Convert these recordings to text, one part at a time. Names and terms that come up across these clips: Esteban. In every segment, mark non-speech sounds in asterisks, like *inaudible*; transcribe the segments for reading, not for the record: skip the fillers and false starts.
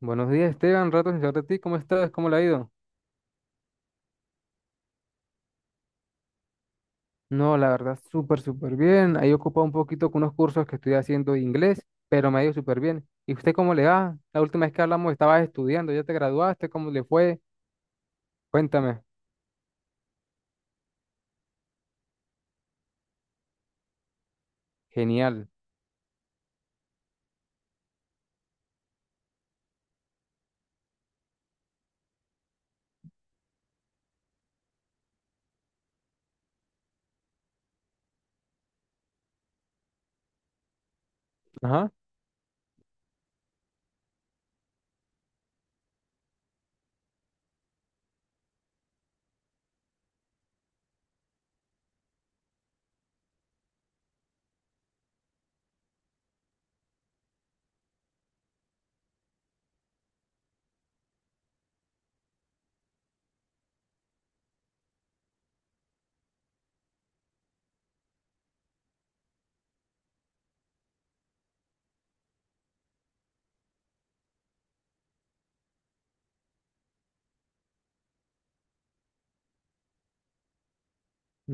Buenos días, Esteban. Rato sin saber de ti. ¿Cómo estás? ¿Cómo le ha ido? No, la verdad, súper bien. Ahí ocupado un poquito con unos cursos que estoy haciendo de inglés, pero me ha ido súper bien. ¿Y usted cómo le va? La última vez que hablamos estabas estudiando, ya te graduaste, ¿cómo le fue? Cuéntame. Genial. Ajá.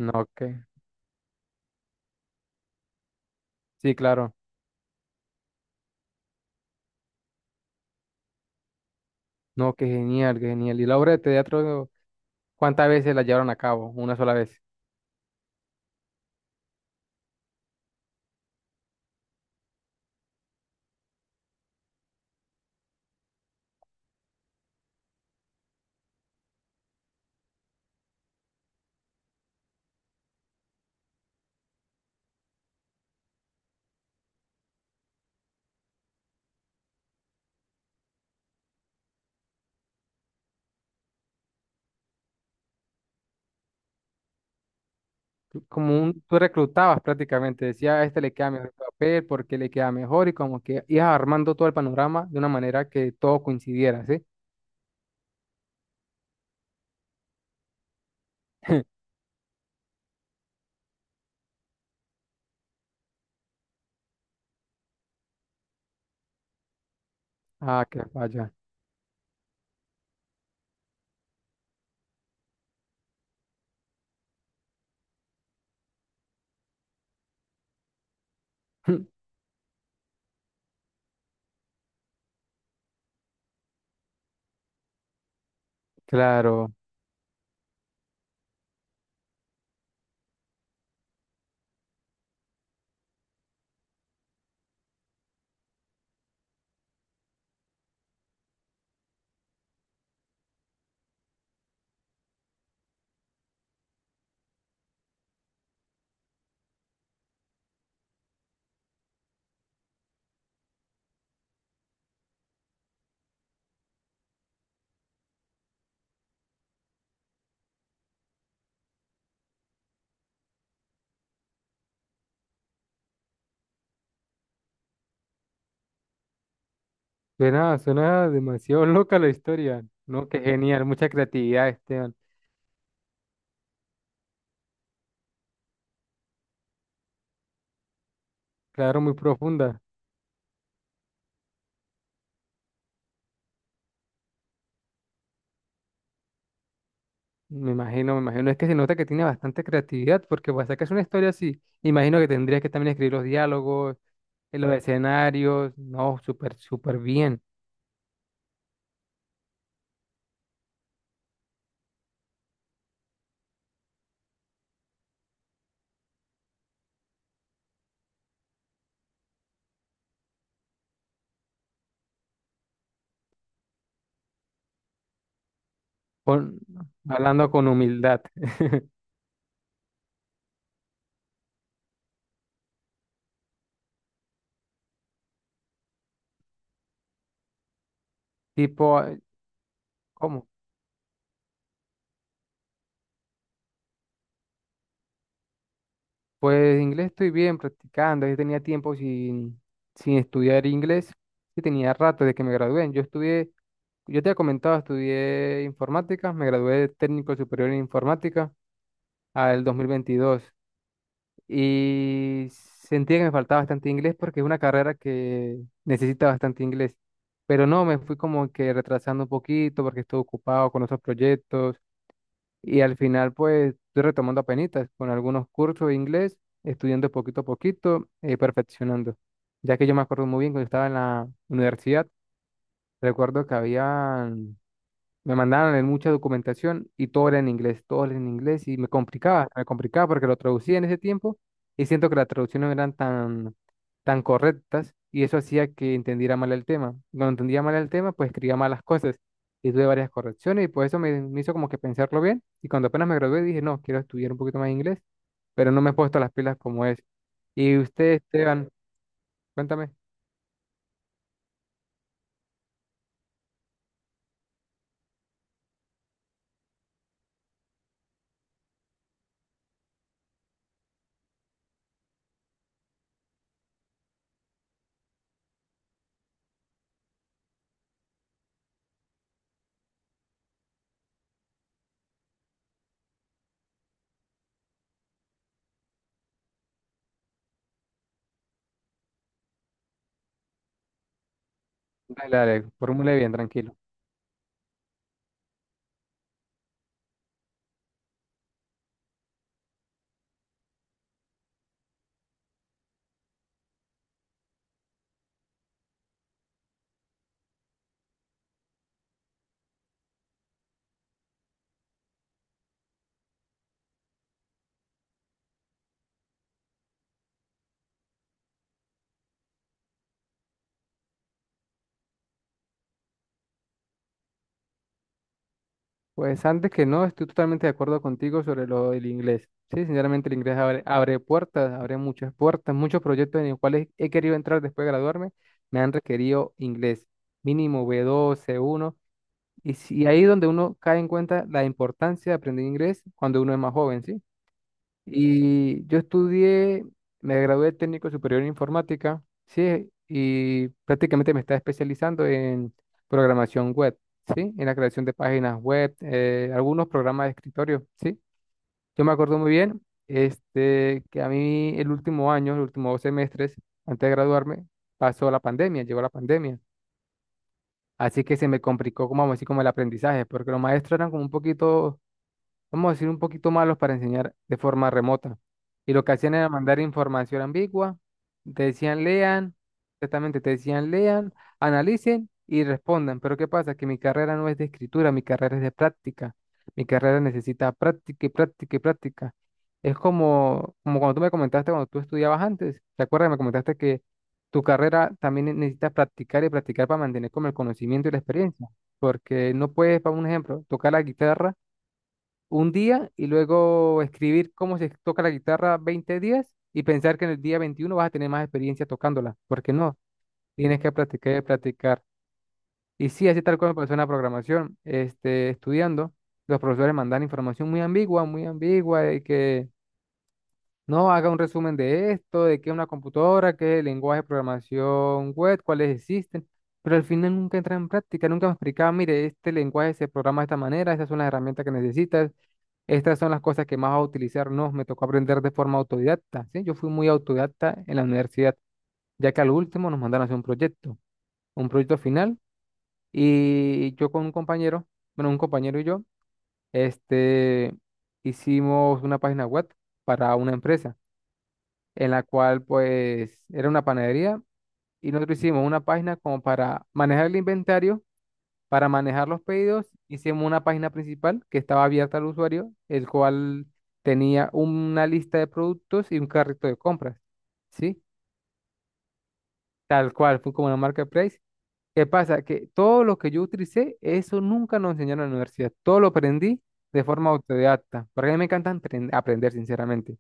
No, que. Sí, claro. No, ¡qué genial, qué genial! ¿Y la obra de teatro, cuántas veces la llevaron a cabo? Una sola vez. Como un, tú reclutabas prácticamente, decía, a este le queda mejor el papel, porque le queda mejor, y como que ibas armando todo el panorama de una manera que todo coincidiera, ¿sí? Ah, que vaya. *laughs* Claro, suena, suena demasiado *laughs* loca la historia, ¿no? Qué genial, mucha creatividad, Esteban. Claro, muy profunda. Me imagino, me imagino. Es que se nota que tiene bastante creatividad, porque para sacar una historia así, imagino que tendrías que también escribir los diálogos, los escenarios, no, súper bien. Con hablando con humildad. Tipo, eh, ¿Cómo? Pues inglés estoy bien practicando. Yo tenía tiempo sin estudiar inglés. Sí, tenía rato desde que me gradué. Yo te he comentado, estudié informática. Me gradué de técnico superior en informática al 2022. Y sentía que me faltaba bastante inglés porque es una carrera que necesita bastante inglés. Pero no, me fui como que retrasando un poquito porque estuve ocupado con otros proyectos. Y al final, pues, estoy retomando apenitas con algunos cursos de inglés, estudiando poquito a poquito, perfeccionando. Ya que yo me acuerdo muy bien cuando estaba en la universidad, recuerdo que había me mandaron en mucha documentación y todo era en inglés, todo era en inglés y me complicaba porque lo traducía en ese tiempo y siento que las traducciones no eran tan correctas y eso hacía que entendiera mal el tema. Cuando entendía mal el tema, pues escribía malas cosas y tuve varias correcciones y por eso me hizo como que pensarlo bien y cuando apenas me gradué dije, no, quiero estudiar un poquito más inglés, pero no me he puesto las pilas como es. Y usted, Esteban, cuéntame, dale, formule bien, tranquilo. Pues antes que no, estoy totalmente de acuerdo contigo sobre lo del inglés. Sí, sinceramente el inglés abre, abre puertas, abre muchas puertas, muchos proyectos en los cuales he querido entrar después de graduarme, me han requerido inglés, mínimo B2, C1, y, si- y ahí es donde uno cae en cuenta la importancia de aprender inglés cuando uno es más joven, ¿sí? Y yo estudié, me gradué de técnico superior en informática, sí, y prácticamente me estaba especializando en programación web, sí, en la creación de páginas web, algunos programas de escritorio, sí. Yo me acuerdo muy bien, que a mí el último año, los últimos dos semestres, antes de graduarme, pasó la pandemia, llegó la pandemia. Así que se me complicó, como vamos a decir, como el aprendizaje, porque los maestros eran como un poquito, vamos a decir, un poquito malos para enseñar de forma remota. Y lo que hacían era mandar información ambigua, te decían lean, exactamente, te decían lean, analicen y respondan. Pero ¿qué pasa? Que mi carrera no es de escritura, mi carrera es de práctica. Mi carrera necesita práctica y práctica y práctica. Es como, como cuando tú me comentaste cuando tú estudiabas antes, ¿te acuerdas? Me comentaste que tu carrera también necesita practicar y practicar para mantener como el conocimiento y la experiencia. Porque no puedes, para un ejemplo, tocar la guitarra un día y luego escribir cómo se toca la guitarra 20 días y pensar que en el día 21 vas a tener más experiencia tocándola, porque no, tienes que practicar y practicar. Y sí, así tal cual me pasó en la programación, estudiando, los profesores mandan información muy ambigua, de que no haga un resumen de esto, de qué es una computadora, qué es el lenguaje de programación web, cuáles existen. Pero al final nunca entra en práctica, nunca me explicaba, mire, este lenguaje se programa de esta manera, esas son las herramientas que necesitas, estas son las cosas que más va a utilizar, no, me tocó aprender de forma autodidacta, ¿sí? Yo fui muy autodidacta en la universidad, ya que al último nos mandaron a hacer un proyecto final, y yo con un compañero, bueno, un compañero y yo, este, hicimos una página web para una empresa, en la cual, pues, era una panadería, y nosotros hicimos una página como para manejar el inventario. Para manejar los pedidos, hicimos una página principal que estaba abierta al usuario, el cual tenía una lista de productos y un carrito de compras, ¿sí? Tal cual, fue como una marketplace. ¿Qué pasa? Que todo lo que yo utilicé, eso nunca nos enseñaron en la universidad. Todo lo aprendí de forma autodidacta, porque a mí me encanta aprender, sinceramente.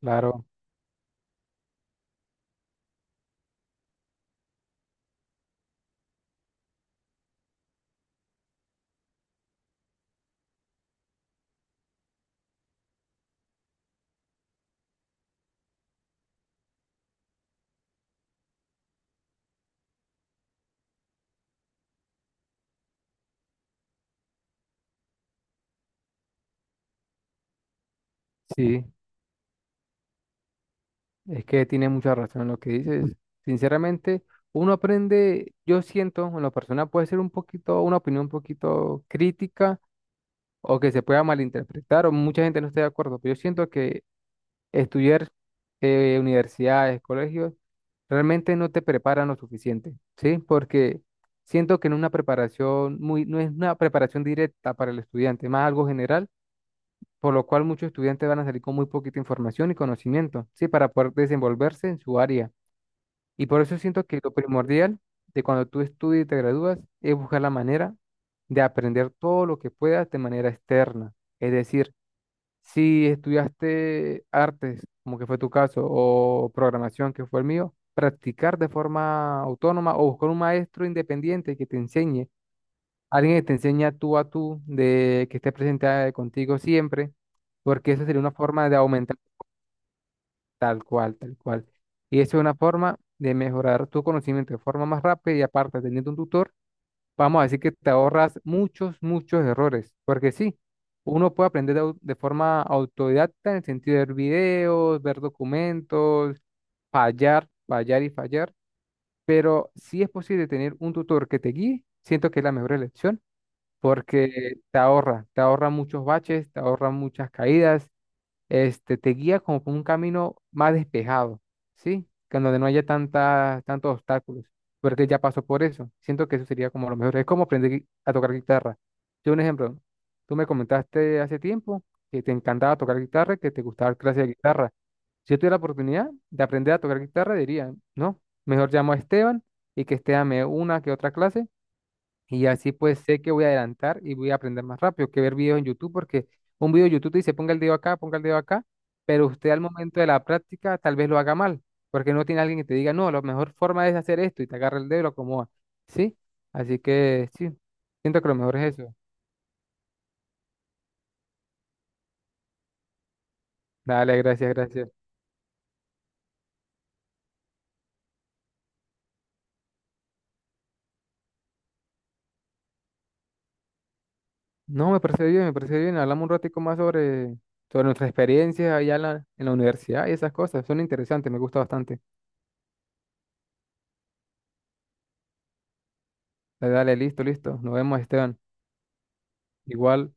Claro, sí, es que tiene mucha razón en lo que dices. Sinceramente, uno aprende, yo siento, en lo personal puede ser un poquito, una opinión un poquito crítica o que se pueda malinterpretar o mucha gente no esté de acuerdo, pero yo siento que estudiar, universidades, colegios, realmente no te preparan lo suficiente, ¿sí? Porque siento que no es una preparación muy, no es una preparación directa para el estudiante, más algo general, por lo cual muchos estudiantes van a salir con muy poquita información y conocimiento, ¿sí? Para poder desenvolverse en su área. Y por eso siento que lo primordial de cuando tú estudias y te gradúas es buscar la manera de aprender todo lo que puedas de manera externa. Es decir, si estudiaste artes, como que fue tu caso, o programación, que fue el mío, practicar de forma autónoma o buscar un maestro independiente que te enseñe, alguien que te enseñe tú a tú, de que esté presente contigo siempre, porque eso sería una forma de aumentar. Tal cual, tal cual. Y eso es una forma de mejorar tu conocimiento de forma más rápida y aparte teniendo un tutor, vamos a decir que te ahorras muchos errores, porque sí, uno puede aprender de forma autodidacta en el sentido de ver videos, ver documentos, fallar, fallar y fallar, pero si es posible tener un tutor que te guíe, siento que es la mejor elección, porque te ahorra muchos baches, te ahorra muchas caídas, te guía como por un camino más despejado, ¿sí? Que en donde no haya tanta, tantos obstáculos, porque él ya pasó por eso. Siento que eso sería como lo mejor. Es como aprender a tocar guitarra. Yo, un ejemplo, tú me comentaste hace tiempo que te encantaba tocar guitarra, que te gustaba dar clases de guitarra. Si yo tuviera la oportunidad de aprender a tocar guitarra, diría, no, mejor llamo a Esteban y que Esteban me dé una que otra clase y así pues sé que voy a adelantar y voy a aprender más rápido que ver videos en YouTube, porque un video de YouTube te dice ponga el dedo acá, ponga el dedo acá, pero usted al momento de la práctica tal vez lo haga mal, porque no tiene alguien que te diga, no, la mejor forma es hacer esto y te agarra el dedo y lo acomoda. ¿Sí? Así que sí, siento que lo mejor es eso. Dale, gracias, gracias. No, me parece bien, me parece bien. Hablamos un ratico más sobre, sobre nuestras experiencias allá en en la universidad y esas cosas. Son interesantes, me gusta bastante. Dale, listo. Nos vemos, Esteban. Igual.